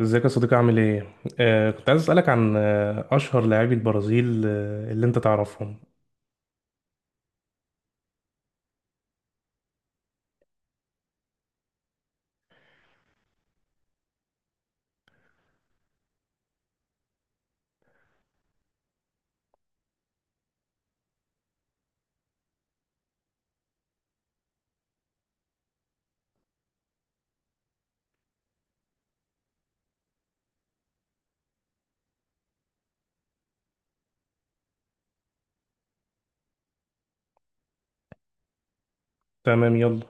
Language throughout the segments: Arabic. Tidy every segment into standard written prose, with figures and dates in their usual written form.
ازيك يا صديقي عامل ايه؟ كنت عايز اسألك عن أشهر لاعبي البرازيل آه اللي انت تعرفهم. تمام، يلا.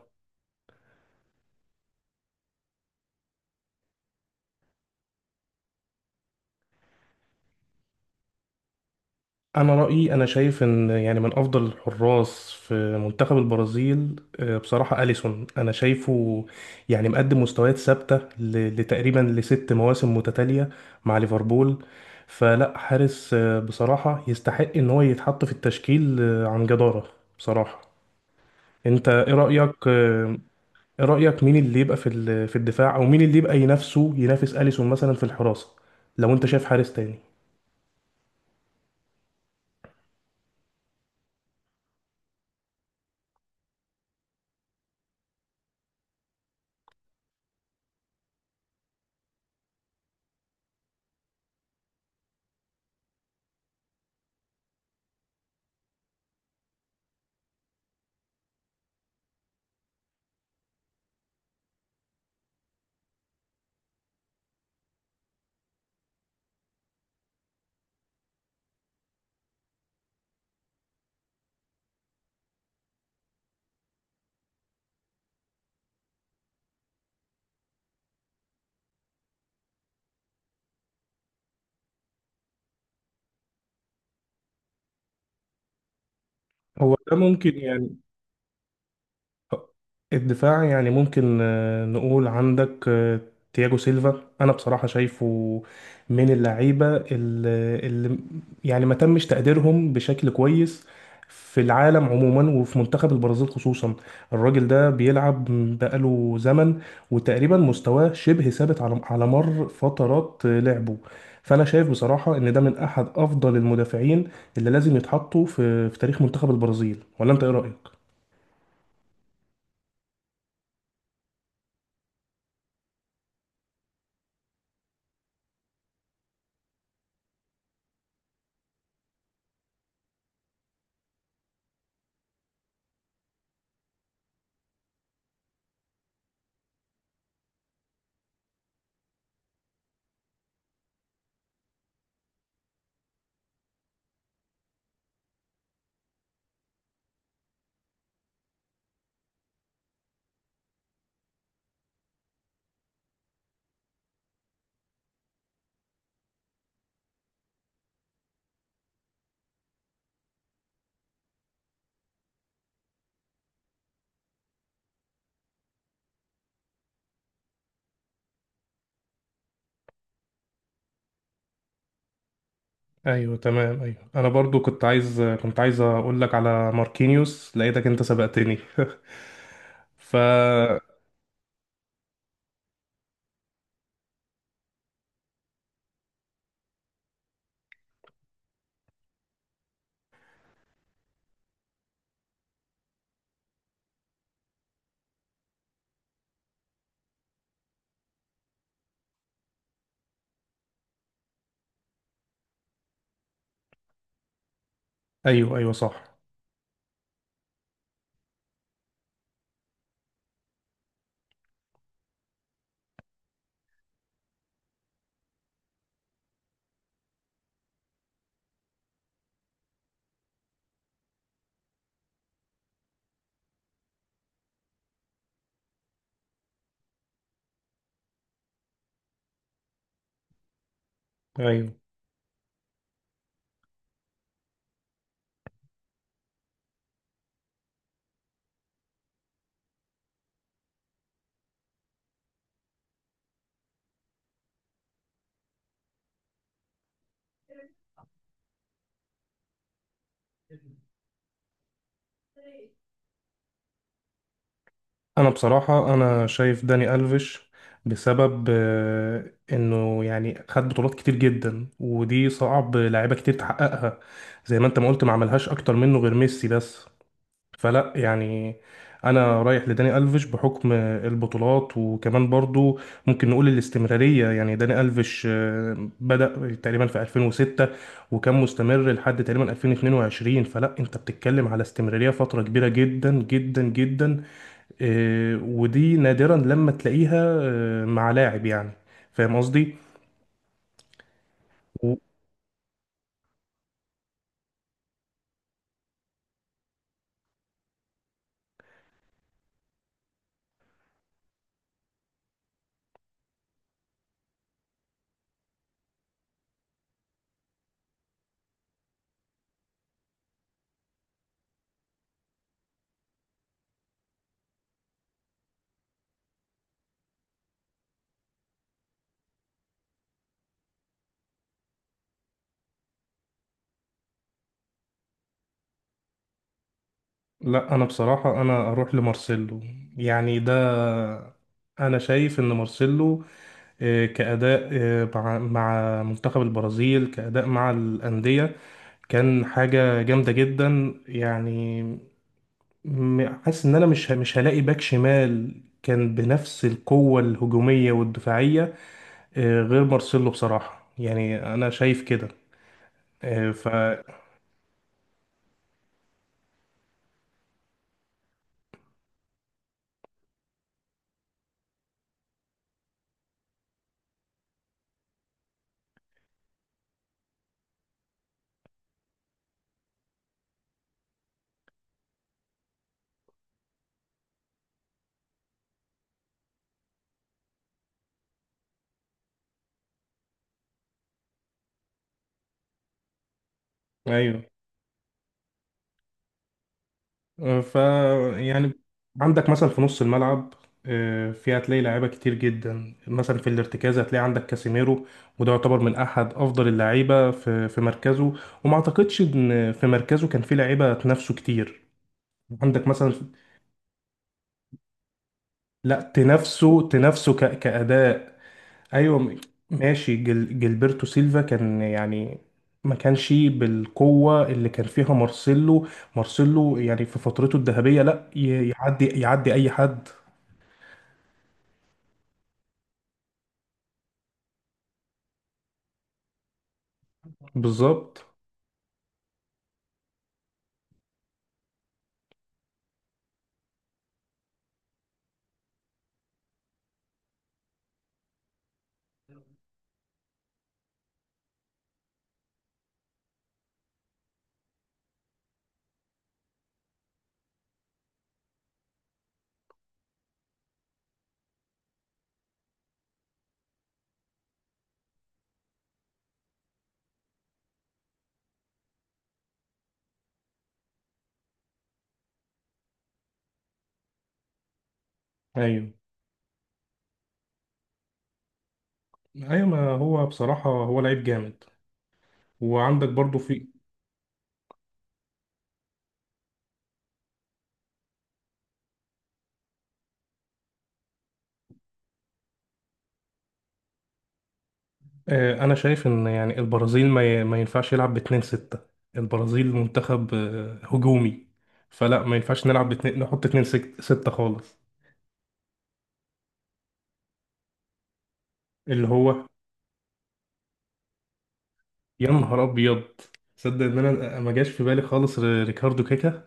أنا رأيي، أنا شايف إن يعني من أفضل الحراس في منتخب البرازيل بصراحة أليسون. أنا شايفه يعني مقدم مستويات ثابتة لتقريبا لست مواسم متتالية مع ليفربول. فلا حارس بصراحة يستحق إن هو يتحط في التشكيل عن جدارة، بصراحة. انت ايه رأيك ايه رأيك مين اللي يبقى في في الدفاع او مين اللي يبقى ينافسه، ينافس أليسون مثلا في الحراسة، لو انت شايف حارس تاني؟ هو ده ممكن يعني الدفاع، يعني ممكن نقول عندك تياجو سيلفا. انا بصراحة شايفه من اللعيبة اللي يعني ما تمش تقديرهم بشكل كويس في العالم عموما وفي منتخب البرازيل خصوصا. الراجل ده بيلعب بقاله زمن وتقريبا مستواه شبه ثابت على مر فترات لعبه. فانا شايف بصراحة ان ده من احد افضل المدافعين اللي لازم يتحطوا في تاريخ منتخب البرازيل. ولا انت ايه رأيك؟ ايوه تمام. ايوه انا برضو كنت عايز اقول لك على ماركينيوس، لقيتك انت سبقتني. ف ايوه ايوه صح. ايوه انا بصراحه انا شايف داني الفيش بسبب انه يعني خد بطولات كتير جدا، ودي صعب لعيبه كتير تحققها. زي ما انت ما قلت، ما عملهاش اكتر منه غير ميسي بس. فلا يعني انا رايح لداني الفيش بحكم البطولات، وكمان برضو ممكن نقول الاستمراريه. يعني داني الفيش بدا تقريبا في 2006 وكان مستمر لحد تقريبا 2022. فلا انت بتتكلم على استمراريه فتره كبيره جدا جدا جدا، ودي نادرا لما تلاقيها مع لاعب يعني. فاهم قصدي؟ و- لا انا بصراحه انا اروح لمارسيلو. يعني ده، انا شايف ان مارسيلو كأداء مع منتخب البرازيل، كأداء مع الأندية، كان حاجة جامدة جدا يعني. حاسس إن أنا مش هلاقي باك شمال كان بنفس القوة الهجومية والدفاعية غير مارسيلو، بصراحة. يعني أنا شايف كده آه، ف أيوه ف يعني. عندك مثلا في نص الملعب في هتلاقي لعيبه كتير جدا، مثلا في الارتكاز هتلاقي عندك كاسيميرو، وده يعتبر من احد افضل اللعيبه في مركزه، وما اعتقدش ان في مركزه كان في لعيبه تنافسه كتير. عندك مثلا، لا تنافسه، تنافسه كاداء ايوه ماشي. جل جilberto سيلفا كان يعني ما كانش بالقوة اللي كان فيها مارسيلو. مارسيلو يعني في فترته الذهبية لا يعدي، يعدي أي حد. بالظبط. ايوه ايوه، ما هو بصراحة هو لعيب جامد. وعندك برضو في انا شايف ان يعني البرازيل ما ينفعش يلعب باتنين ستة. البرازيل منتخب هجومي، فلا ما ينفعش نلعب باتنين، نحط اتنين ستة خالص، اللي هو. يا نهار ابيض! تصدق ان انا ما جاش في بالي خالص ريكاردو كاكا؟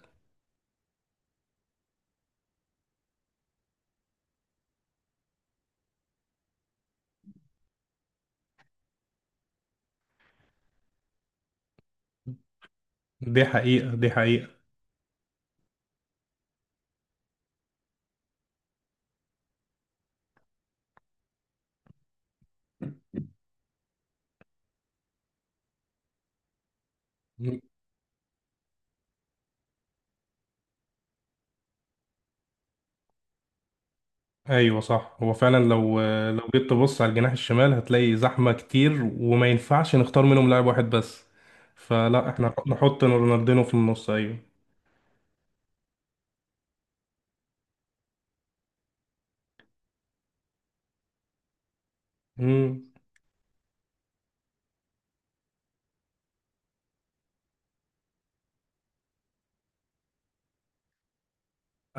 دي حقيقة، دي حقيقة. ايوه صح، هو فعلا لو، لو جيت تبص على الجناح الشمال هتلاقي زحمه كتير، وما ينفعش نختار منهم لاعب واحد بس. فلا احنا نحط رونالدينو في النص. ايوه. امم،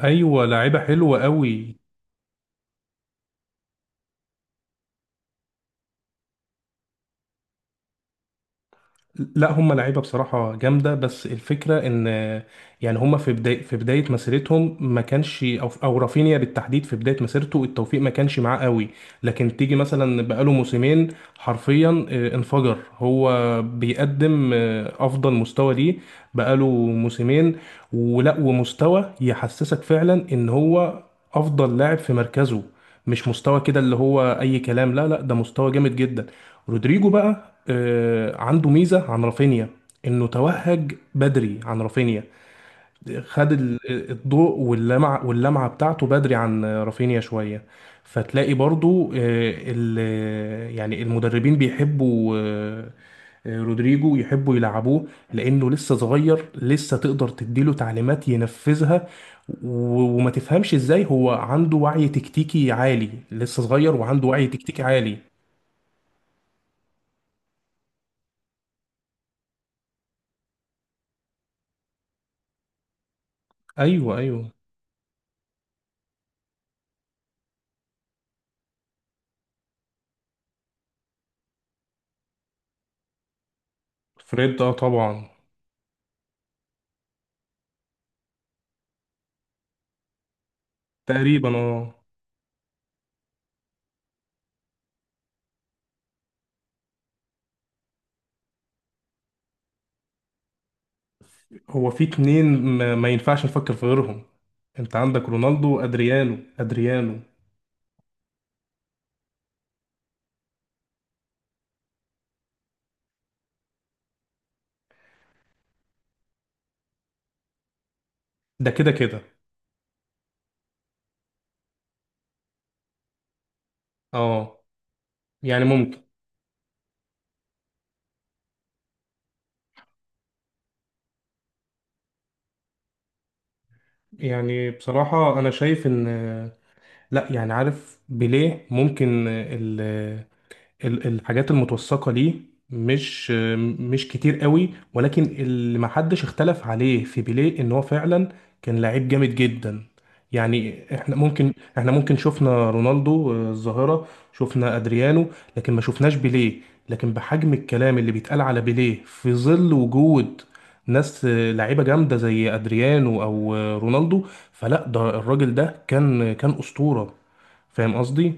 ايوه لاعيبه حلوه قوي. لا هم لعيبه بصراحه جامده، بس الفكره ان يعني هم في بدايه مسيرتهم ما كانش، او رافينيا بالتحديد في بدايه مسيرته التوفيق ما كانش معاه قوي. لكن تيجي مثلا بقاله موسمين، حرفيا انفجر، هو بيقدم افضل مستوى ليه بقاله موسمين، ولا ومستوى يحسسك فعلا ان هو افضل لاعب في مركزه، مش مستوى كده اللي هو اي كلام. لا لا، ده مستوى جامد جدا. رودريجو بقى عنده ميزة عن رافينيا، انه توهج بدري عن رافينيا. خد الضوء واللمعة، واللمعة بتاعته بدري عن رافينيا شوية. فتلاقي برضو ال- يعني المدربين بيحبوا رودريجو، يحبوا يلعبوه، لانه لسه صغير، لسه تقدر تديله تعليمات ينفذها. وما تفهمش ازاي هو عنده وعي تكتيكي عالي، لسه صغير وعنده وعي تكتيكي عالي. ايوه ايوه فريد، اه طبعا. تقريبا اه. هو في اتنين ما ينفعش نفكر في غيرهم. انت عندك رونالدو وادريانو. ادريانو ده كده كده. اه يعني ممكن. يعني بصراحة انا شايف ان لا يعني عارف بيليه، ممكن الحاجات المتوثقة ليه مش، مش كتير قوي، ولكن اللي محدش اختلف عليه في بيليه ان هو فعلا كان لعيب جامد جدا. يعني احنا ممكن، احنا ممكن شفنا رونالدو الظاهرة، شفنا ادريانو، لكن ما شفناش بيليه. لكن بحجم الكلام اللي بيتقال على بيليه، في ظل وجود ناس لعيبة جامدة زي ادريانو او رونالدو، فلا ده الراجل ده كان أسطورة. فاهم قصدي؟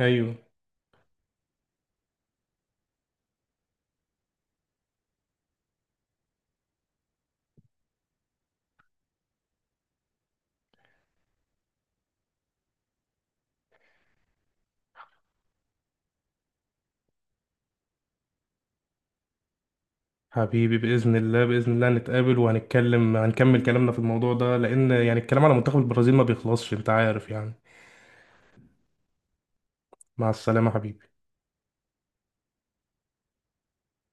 ايوه حبيبي، بإذن الله، بإذن الله نتقابل وهنتكلم، هنكمل كلامنا في الموضوع ده، لأن يعني الكلام على منتخب البرازيل ما بيخلصش، أنت عارف يعني. مع السلامة حبيبي.